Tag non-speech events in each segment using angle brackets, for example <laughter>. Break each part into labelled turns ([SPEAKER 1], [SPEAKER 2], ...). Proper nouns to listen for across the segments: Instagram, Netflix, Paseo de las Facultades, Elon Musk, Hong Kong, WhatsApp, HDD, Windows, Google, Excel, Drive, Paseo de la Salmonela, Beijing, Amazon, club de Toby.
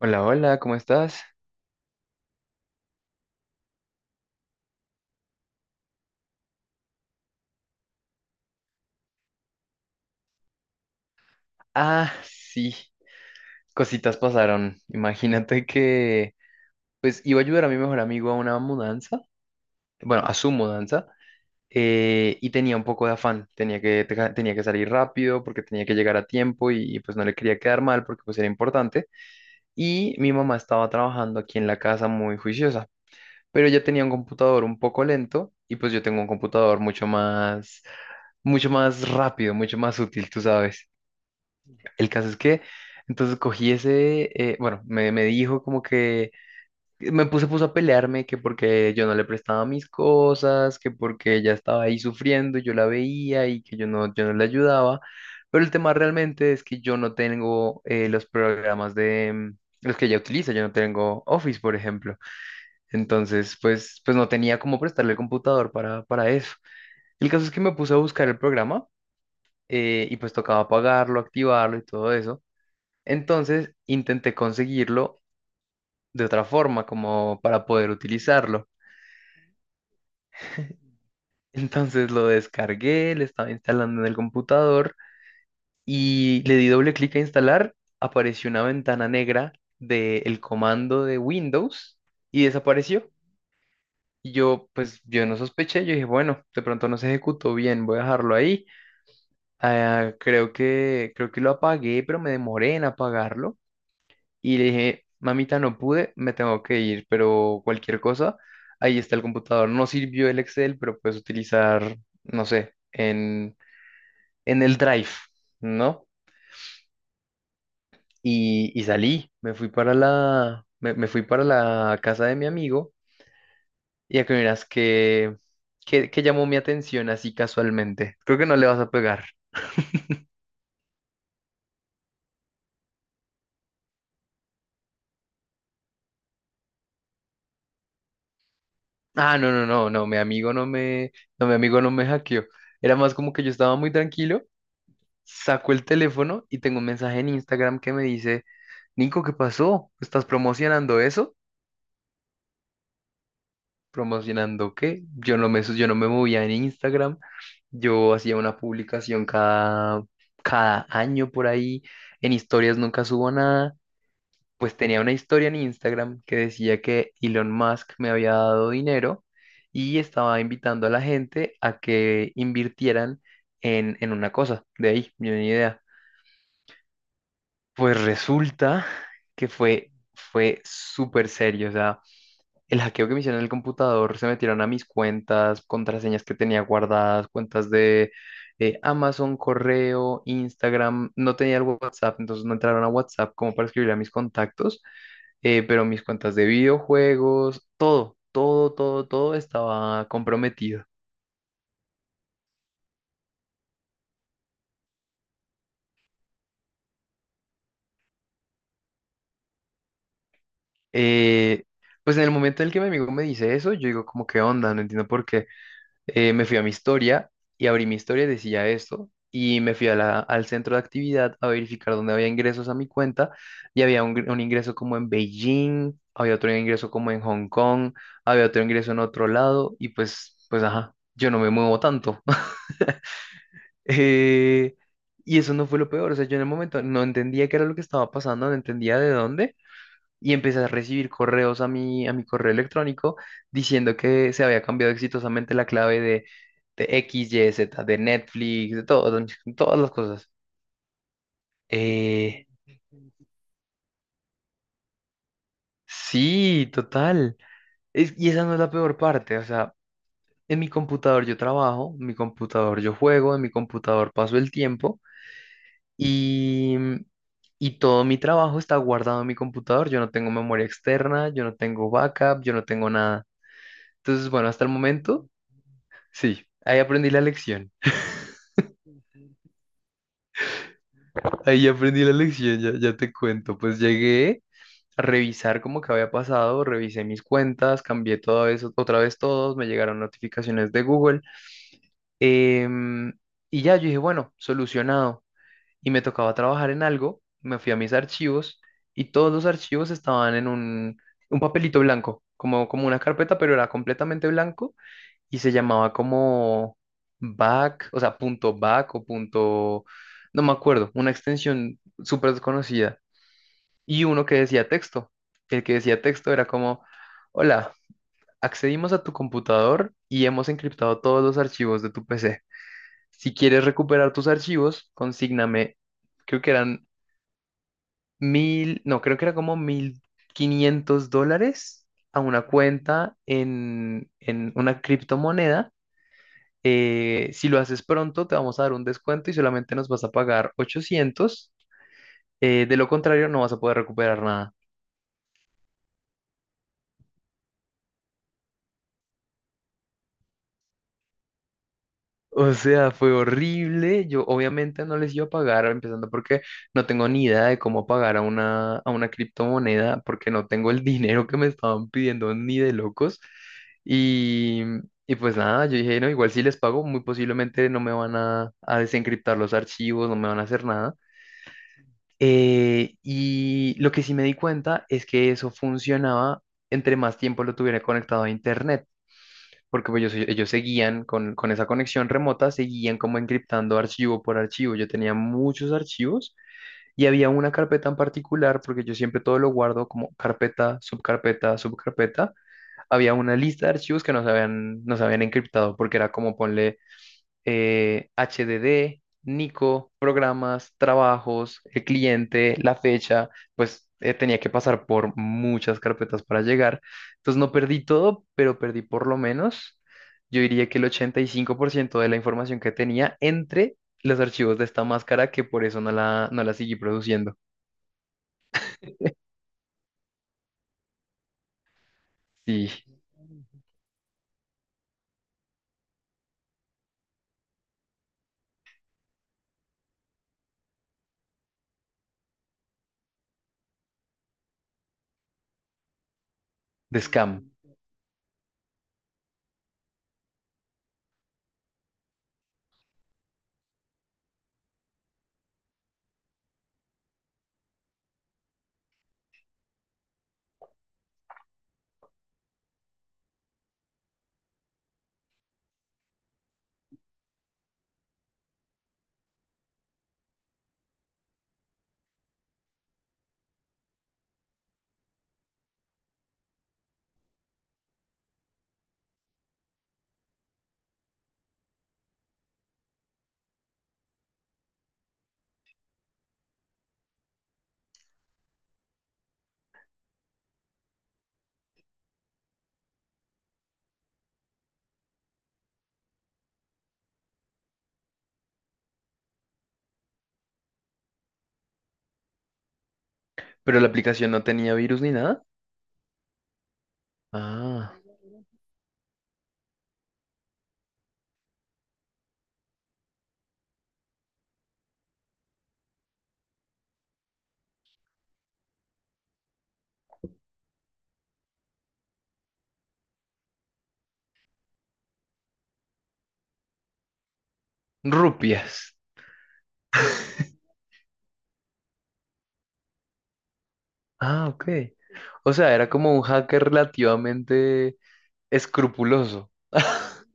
[SPEAKER 1] Hola, hola, ¿cómo estás? Ah, sí, cositas pasaron. Imagínate que, pues, iba a ayudar a mi mejor amigo a una mudanza, bueno, a su mudanza, y tenía un poco de afán. Tenía que salir rápido porque tenía que llegar a tiempo y pues no le quería quedar mal porque pues era importante. Y mi mamá estaba trabajando aquí en la casa muy juiciosa, pero ella tenía un computador un poco lento y pues yo tengo un computador mucho más rápido, mucho más útil, tú sabes. El caso es que entonces cogí ese, bueno, me dijo como que puso a pelearme, que porque yo no le prestaba mis cosas, que porque ella estaba ahí sufriendo, y yo la veía y que yo no le ayudaba. Pero el tema realmente es que yo no tengo los programas de los que ella utiliza, yo no tengo Office, por ejemplo. Entonces, pues no tenía cómo prestarle el computador para eso. El caso es que me puse a buscar el programa y pues tocaba pagarlo, activarlo y todo eso. Entonces intenté conseguirlo de otra forma, como para poder utilizarlo. <laughs> Entonces lo descargué, lo estaba instalando en el computador y le di doble clic a instalar. Apareció una ventana negra del comando de Windows y desapareció. Y yo, pues, yo no sospeché. Yo dije, bueno, de pronto no se ejecutó bien, voy a dejarlo ahí. Ah, creo que lo apagué, pero me demoré en apagarlo. Y le dije, mamita, no pude, me tengo que ir, pero cualquier cosa, ahí está el computador. No sirvió el Excel, pero puedes utilizar, no sé, en, el Drive, ¿no? Y salí, me fui para la casa de mi amigo y a que miras que, que, llamó mi atención así casualmente. Creo que no le vas a pegar. Ah, no, no, no, no, mi amigo no me hackeó. Era más como que yo estaba muy tranquilo. Saco el teléfono y tengo un mensaje en Instagram que me dice, Nico, ¿qué pasó? ¿Estás promocionando eso? ¿Promocionando qué? Yo no me movía en Instagram. Yo hacía una publicación cada año por ahí. En historias nunca subo nada. Pues tenía una historia en Instagram que decía que Elon Musk me había dado dinero y estaba invitando a la gente a que invirtieran en una cosa. De ahí, yo ni idea. Pues resulta que fue súper serio. O sea, el hackeo que me hicieron en el computador se metieron a mis cuentas, contraseñas que tenía guardadas, cuentas de Amazon, correo, Instagram. No tenía el WhatsApp, entonces no entraron a WhatsApp como para escribir a mis contactos, pero mis cuentas de videojuegos, todo, todo, todo, todo estaba comprometido. Eh, pues en el momento en el que mi amigo me dice eso, yo digo como, ¿qué onda? No entiendo por qué. Me fui a mi historia y abrí mi historia y decía esto. Y me fui a al centro de actividad a verificar dónde había ingresos a mi cuenta. Y había un ingreso como en Beijing, había otro ingreso como en Hong Kong, había otro ingreso en otro lado. Y pues, ajá, yo no me muevo tanto. <laughs> Eh, y eso no fue lo peor. O sea, yo en el momento no entendía qué era lo que estaba pasando, no entendía de dónde, y empecé a recibir correos a mi, correo electrónico diciendo que se había cambiado exitosamente la clave de X, Y, Z, de Netflix, de todo, de <laughs> todas las cosas. Eh, sí, total. Y esa no es la peor parte, o sea, en mi computador yo trabajo, en mi computador yo juego, en mi computador paso el tiempo y, y todo mi trabajo está guardado en mi computador, yo no tengo memoria externa, yo no tengo backup, yo no tengo nada. Entonces, bueno, hasta el momento. Sí, ahí aprendí la lección. Ahí aprendí la lección, ya, ya te cuento. Pues llegué a revisar como que había pasado, revisé mis cuentas, cambié todo eso, otra vez todos, me llegaron notificaciones de Google. em, y ya yo dije, bueno, solucionado. Y me tocaba trabajar en algo, me fui a mis archivos y todos los archivos estaban en un papelito blanco, como una carpeta, pero era completamente blanco y se llamaba como back, o sea, punto back o punto, no me acuerdo, una extensión súper desconocida. Y uno que decía texto. El que decía texto era como, hola, accedimos a tu computador y hemos encriptado todos los archivos de tu PC. Si quieres recuperar tus archivos, consígname, creo que eran mil, no, creo que era como $1500 a una cuenta en una criptomoneda. Si lo haces pronto, te vamos a dar un descuento y solamente nos vas a pagar 800. De lo contrario, no vas a poder recuperar nada. O sea, fue horrible. Yo obviamente no les iba a pagar, empezando porque no tengo ni idea de cómo pagar a a una criptomoneda, porque no tengo el dinero que me estaban pidiendo ni de locos. Y, y pues nada, yo dije, no, igual si les pago, muy posiblemente no me van a desencriptar los archivos, no me van a hacer nada. Y lo que sí me di cuenta es que eso funcionaba entre más tiempo lo tuviera conectado a internet, porque pues, ellos seguían con esa conexión remota, seguían como encriptando archivo por archivo. Yo tenía muchos archivos y había una carpeta en particular, porque yo siempre todo lo guardo como carpeta, subcarpeta, subcarpeta. Había una lista de archivos que no se habían encriptado, porque era como ponle HDD, Nico, programas, trabajos, el cliente, la fecha, pues tenía que pasar por muchas carpetas para llegar. Entonces no perdí todo, pero perdí por lo menos, yo diría que el 85% de la información que tenía entre los archivos de esta máscara, que por eso no la seguí produciendo. Y de scam. Pero la aplicación no tenía virus ni nada. Ah, rupias. Ah, ok. O sea, era como un hacker relativamente escrupuloso. <laughs>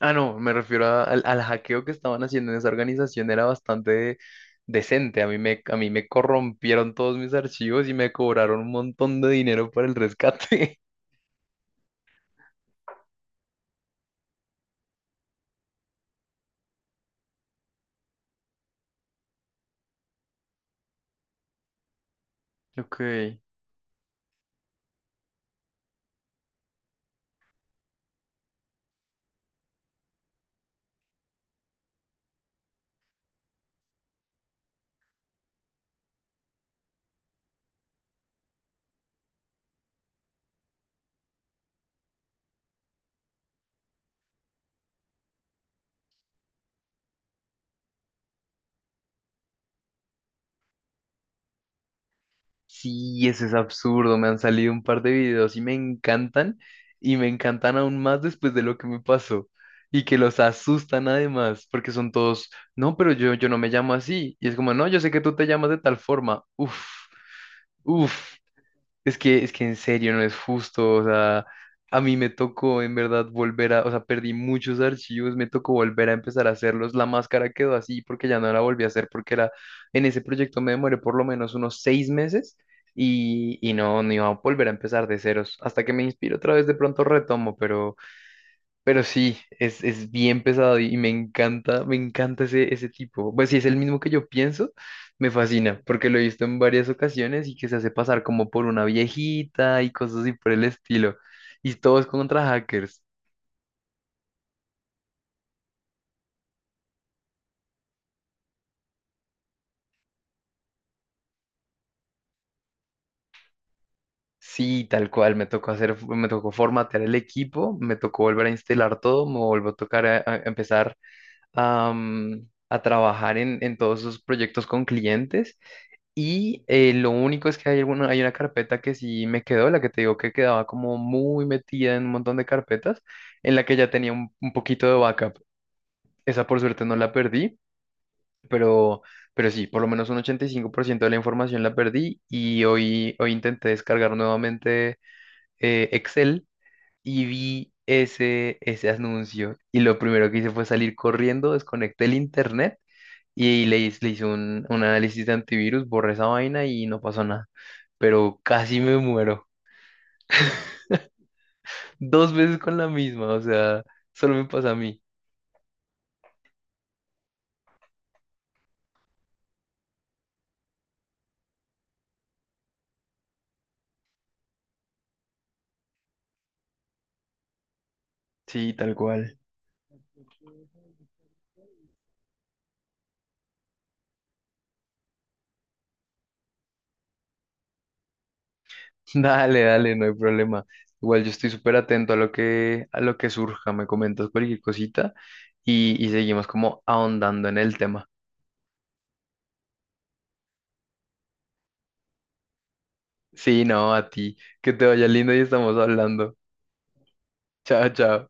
[SPEAKER 1] Ah, no, me refiero al hackeo que estaban haciendo en esa organización, era bastante decente. A mí me corrompieron todos mis archivos y me cobraron un montón de dinero para el rescate. <laughs> Ok. Sí, ese es absurdo. Me han salido un par de videos y me encantan. Y me encantan aún más después de lo que me pasó. Y que los asustan además, porque son todos, no, pero yo no me llamo así. Y es como, no, yo sé que tú te llamas de tal forma. Uf, uf. Es que en serio no es justo, o sea, a mí me tocó en verdad volver a, o sea, perdí muchos archivos, me tocó volver a empezar a hacerlos, la máscara quedó así porque ya no la volví a hacer porque era, en ese proyecto me demoré por lo menos unos 6 meses y no, no iba a volver a empezar de ceros, hasta que me inspiro otra vez de pronto retomo, pero, sí, es bien pesado y me encanta ese tipo. Pues si es el mismo que yo pienso, me fascina, porque lo he visto en varias ocasiones y que se hace pasar como por una viejita y cosas así por el estilo. Y todos contra hackers. Sí, tal cual, me tocó hacer, me tocó formatear el equipo, me tocó volver a instalar todo, me volvió a tocar a empezar a trabajar en, todos esos proyectos con clientes. Y lo único es que hay una carpeta que sí me quedó, la que te digo que quedaba como muy metida en un montón de carpetas, en la que ya tenía un poquito de backup. Esa por suerte no la perdí, pero, pero, sí, por lo menos un 85% de la información la perdí y hoy intenté descargar nuevamente Excel y vi ese anuncio y lo primero que hice fue salir corriendo, desconecté el internet y le hice un análisis de antivirus, borré esa vaina y no pasó nada. Pero casi me muero. Dos veces con la misma, o sea, solo me pasa a mí. Sí, tal cual. <laughs> Dale, dale, no hay problema. Igual yo estoy súper atento a lo que, surja. Me comentas cualquier cosita y seguimos como ahondando en el tema. Sí, no, a ti. Que te vaya lindo y estamos hablando. Chao, chao.